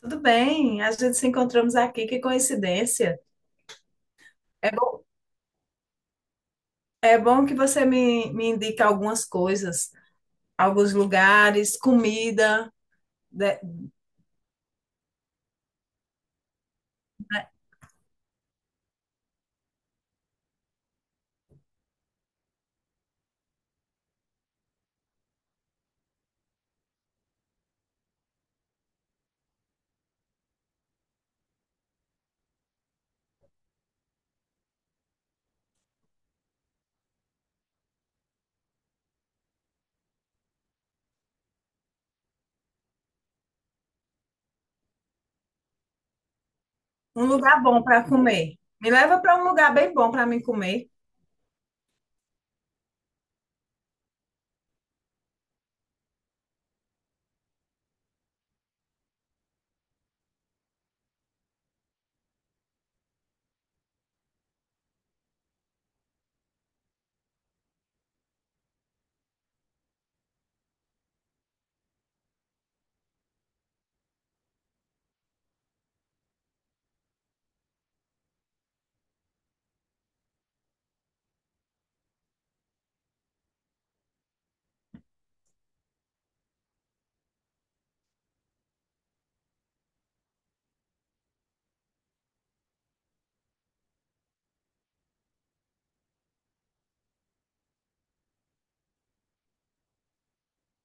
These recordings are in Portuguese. Tudo bem, a gente se encontramos aqui, que coincidência. É bom, é bom que você me indique algumas coisas, alguns lugares, comida, de- um lugar bom para comer. Me leva para um lugar bem bom para mim comer.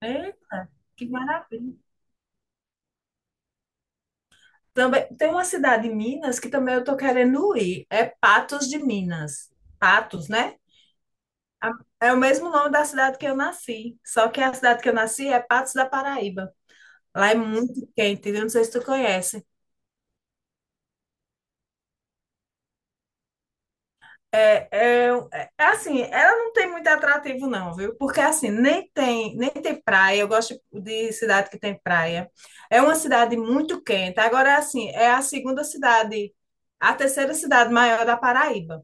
Eita, que maravilha. Também tem uma cidade em Minas que também eu tô querendo ir, é Patos de Minas. Patos, né? A- É o mesmo nome da cidade que eu nasci, só que a cidade que eu nasci é Patos da Paraíba. Lá é muito quente, eu não sei se tu conhece. É, é, assim, ela não tem muito atrativo, não, viu? Porque assim, nem tem praia. Eu gosto de cidade que tem praia. É uma cidade muito quente. Agora, assim, a terceira cidade maior da Paraíba.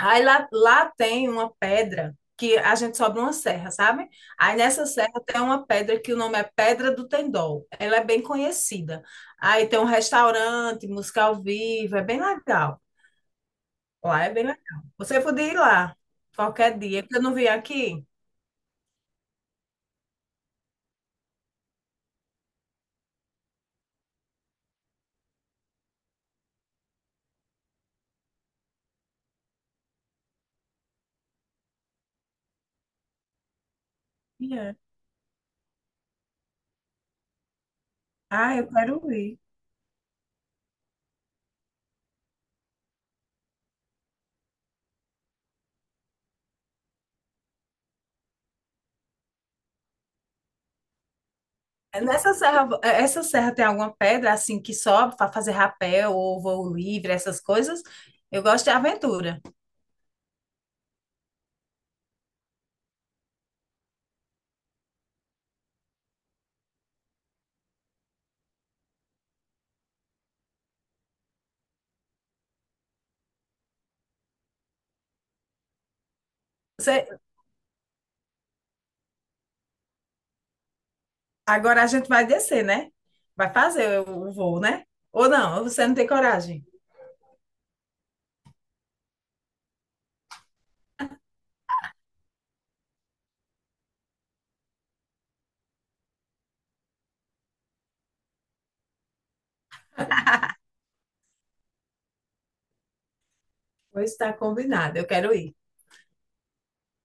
Aí lá tem uma pedra que a gente sobe uma serra, sabe? Aí nessa serra tem uma pedra que o nome é Pedra do Tendol. Ela é bem conhecida. Aí tem um restaurante, música ao vivo, é bem legal. Lá é bem legal. Você podia ir lá qualquer dia, que eu não vim aqui. E é. Ah, eu quero ir. Nessa serra, essa serra tem alguma pedra assim que sobe para fazer rapel ou voo livre, essas coisas? Eu gosto de aventura. Você, agora a gente vai descer, né? Vai fazer o voo, né? Ou não? Você não tem coragem? Pois está combinado, eu quero ir.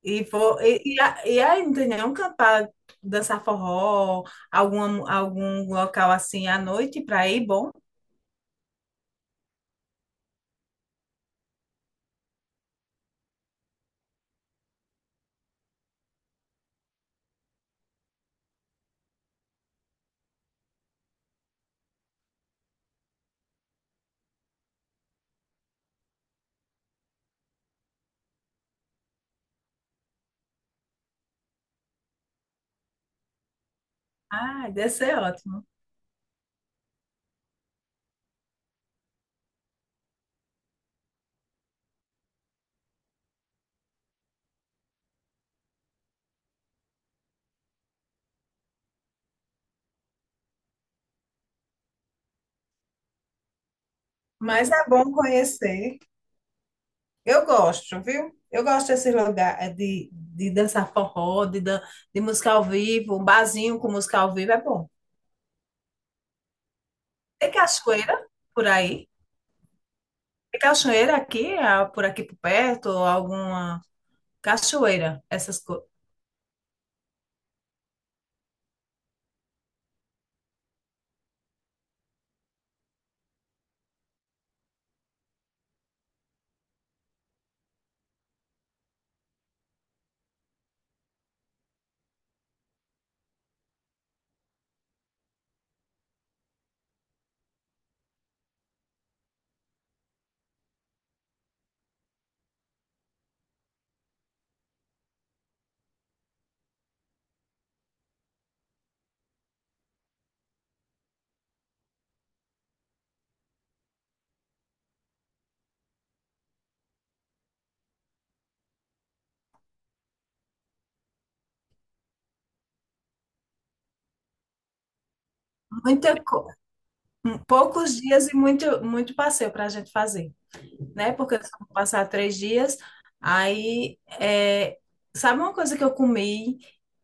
E, vou, e, a- e aí, não tem nenhum canto para dançar forró, algum local assim à noite para ir, bom? Ah, deve ser ótimo. Mas é bom conhecer. Eu gosto, viu? Eu gosto desse lugar de dançar forró, de, dan de música ao vivo, um barzinho com música ao vivo é bom. Tem cachoeira por aí? Tem cachoeira aqui, ah, por aqui por perto, ou alguma cachoeira, essas coisas. Muita co... Poucos dias e muito passeio para a gente fazer, né? Porque eu só vou passar 3 dias. Aí, é, sabe uma coisa que eu comi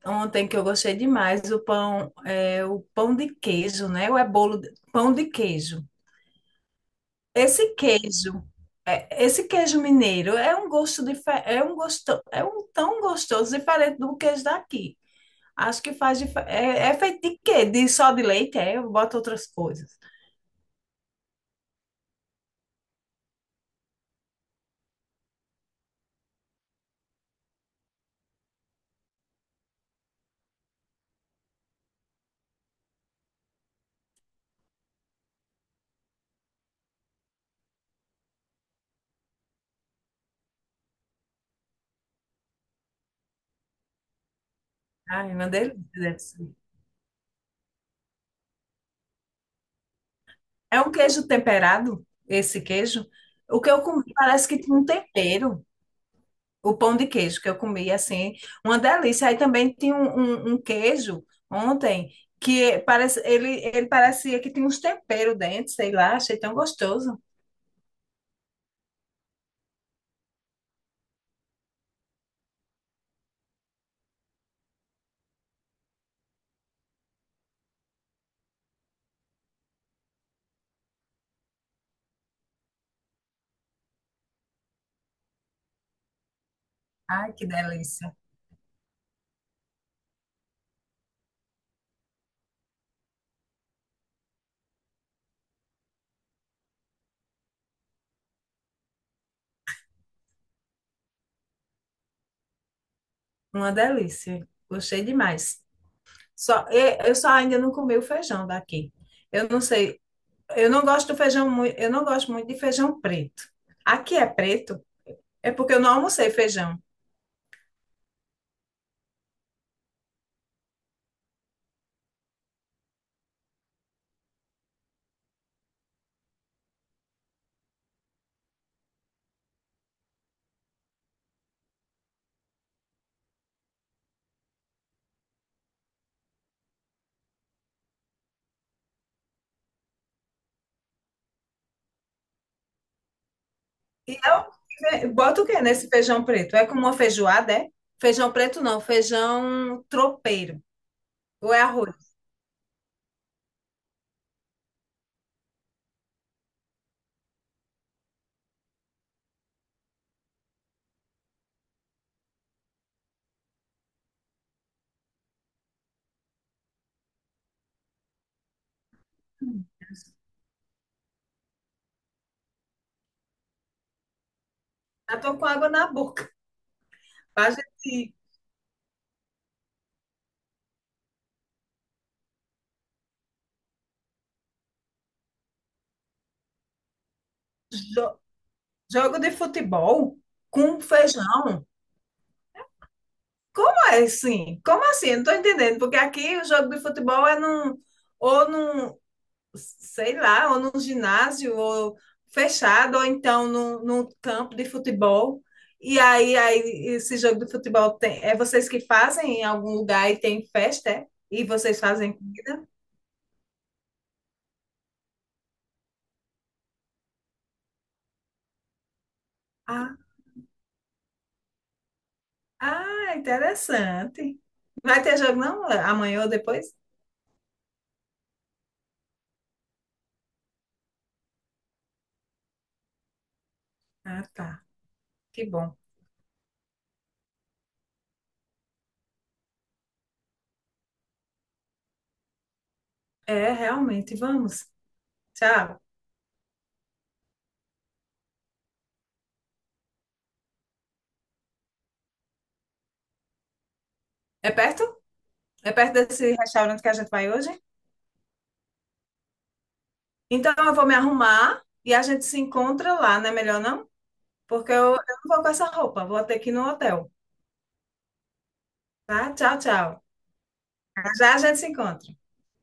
ontem que eu gostei demais? O pão de queijo, né? Ou é bolo de, pão de queijo. Esse queijo, é, esse queijo mineiro é um é um gosto, é um tão gostoso diferente do queijo daqui. Acho que é, é feito de quê? De só de leite? É, eu boto outras coisas. Ai, uma delícia. Deve ser. É um queijo temperado, esse queijo. O que eu comi parece que tinha um tempero. O pão de queijo que eu comi, assim, uma delícia. Aí também tinha um queijo ontem que parece, ele parecia que tinha uns temperos dentro, sei lá, achei tão gostoso. Ai, que delícia. Uma delícia. Gostei demais. Só, eu só ainda não comi o feijão daqui. Eu não sei, eu não gosto do feijão muito, eu não gosto muito de feijão preto. Aqui é preto, é porque eu não almocei feijão. E não, bota o que nesse feijão preto? É como uma feijoada, é? Feijão preto não, feijão tropeiro. Ou é arroz? Hum, Já tô com água na boca. A gente jo- Jogo de futebol com feijão. Como é assim? Como assim? Eu não tô entendendo, porque aqui o jogo de futebol é num, sei lá, ou num ginásio, ou fechado, ou então num campo de futebol. E aí, esse jogo de futebol tem, é vocês que fazem em algum lugar e tem festa, é? E vocês fazem comida? Ah, ah, interessante. Vai ter jogo não? Amanhã ou depois? Ah, tá. Que bom. É, realmente, vamos. Tchau. É perto? É perto desse restaurante que a gente vai hoje? Então eu vou me arrumar e a gente se encontra lá, não é melhor não? Porque eu não vou com essa roupa, vou ter que ir no hotel, tá? Tchau, tchau. Já a gente se encontra.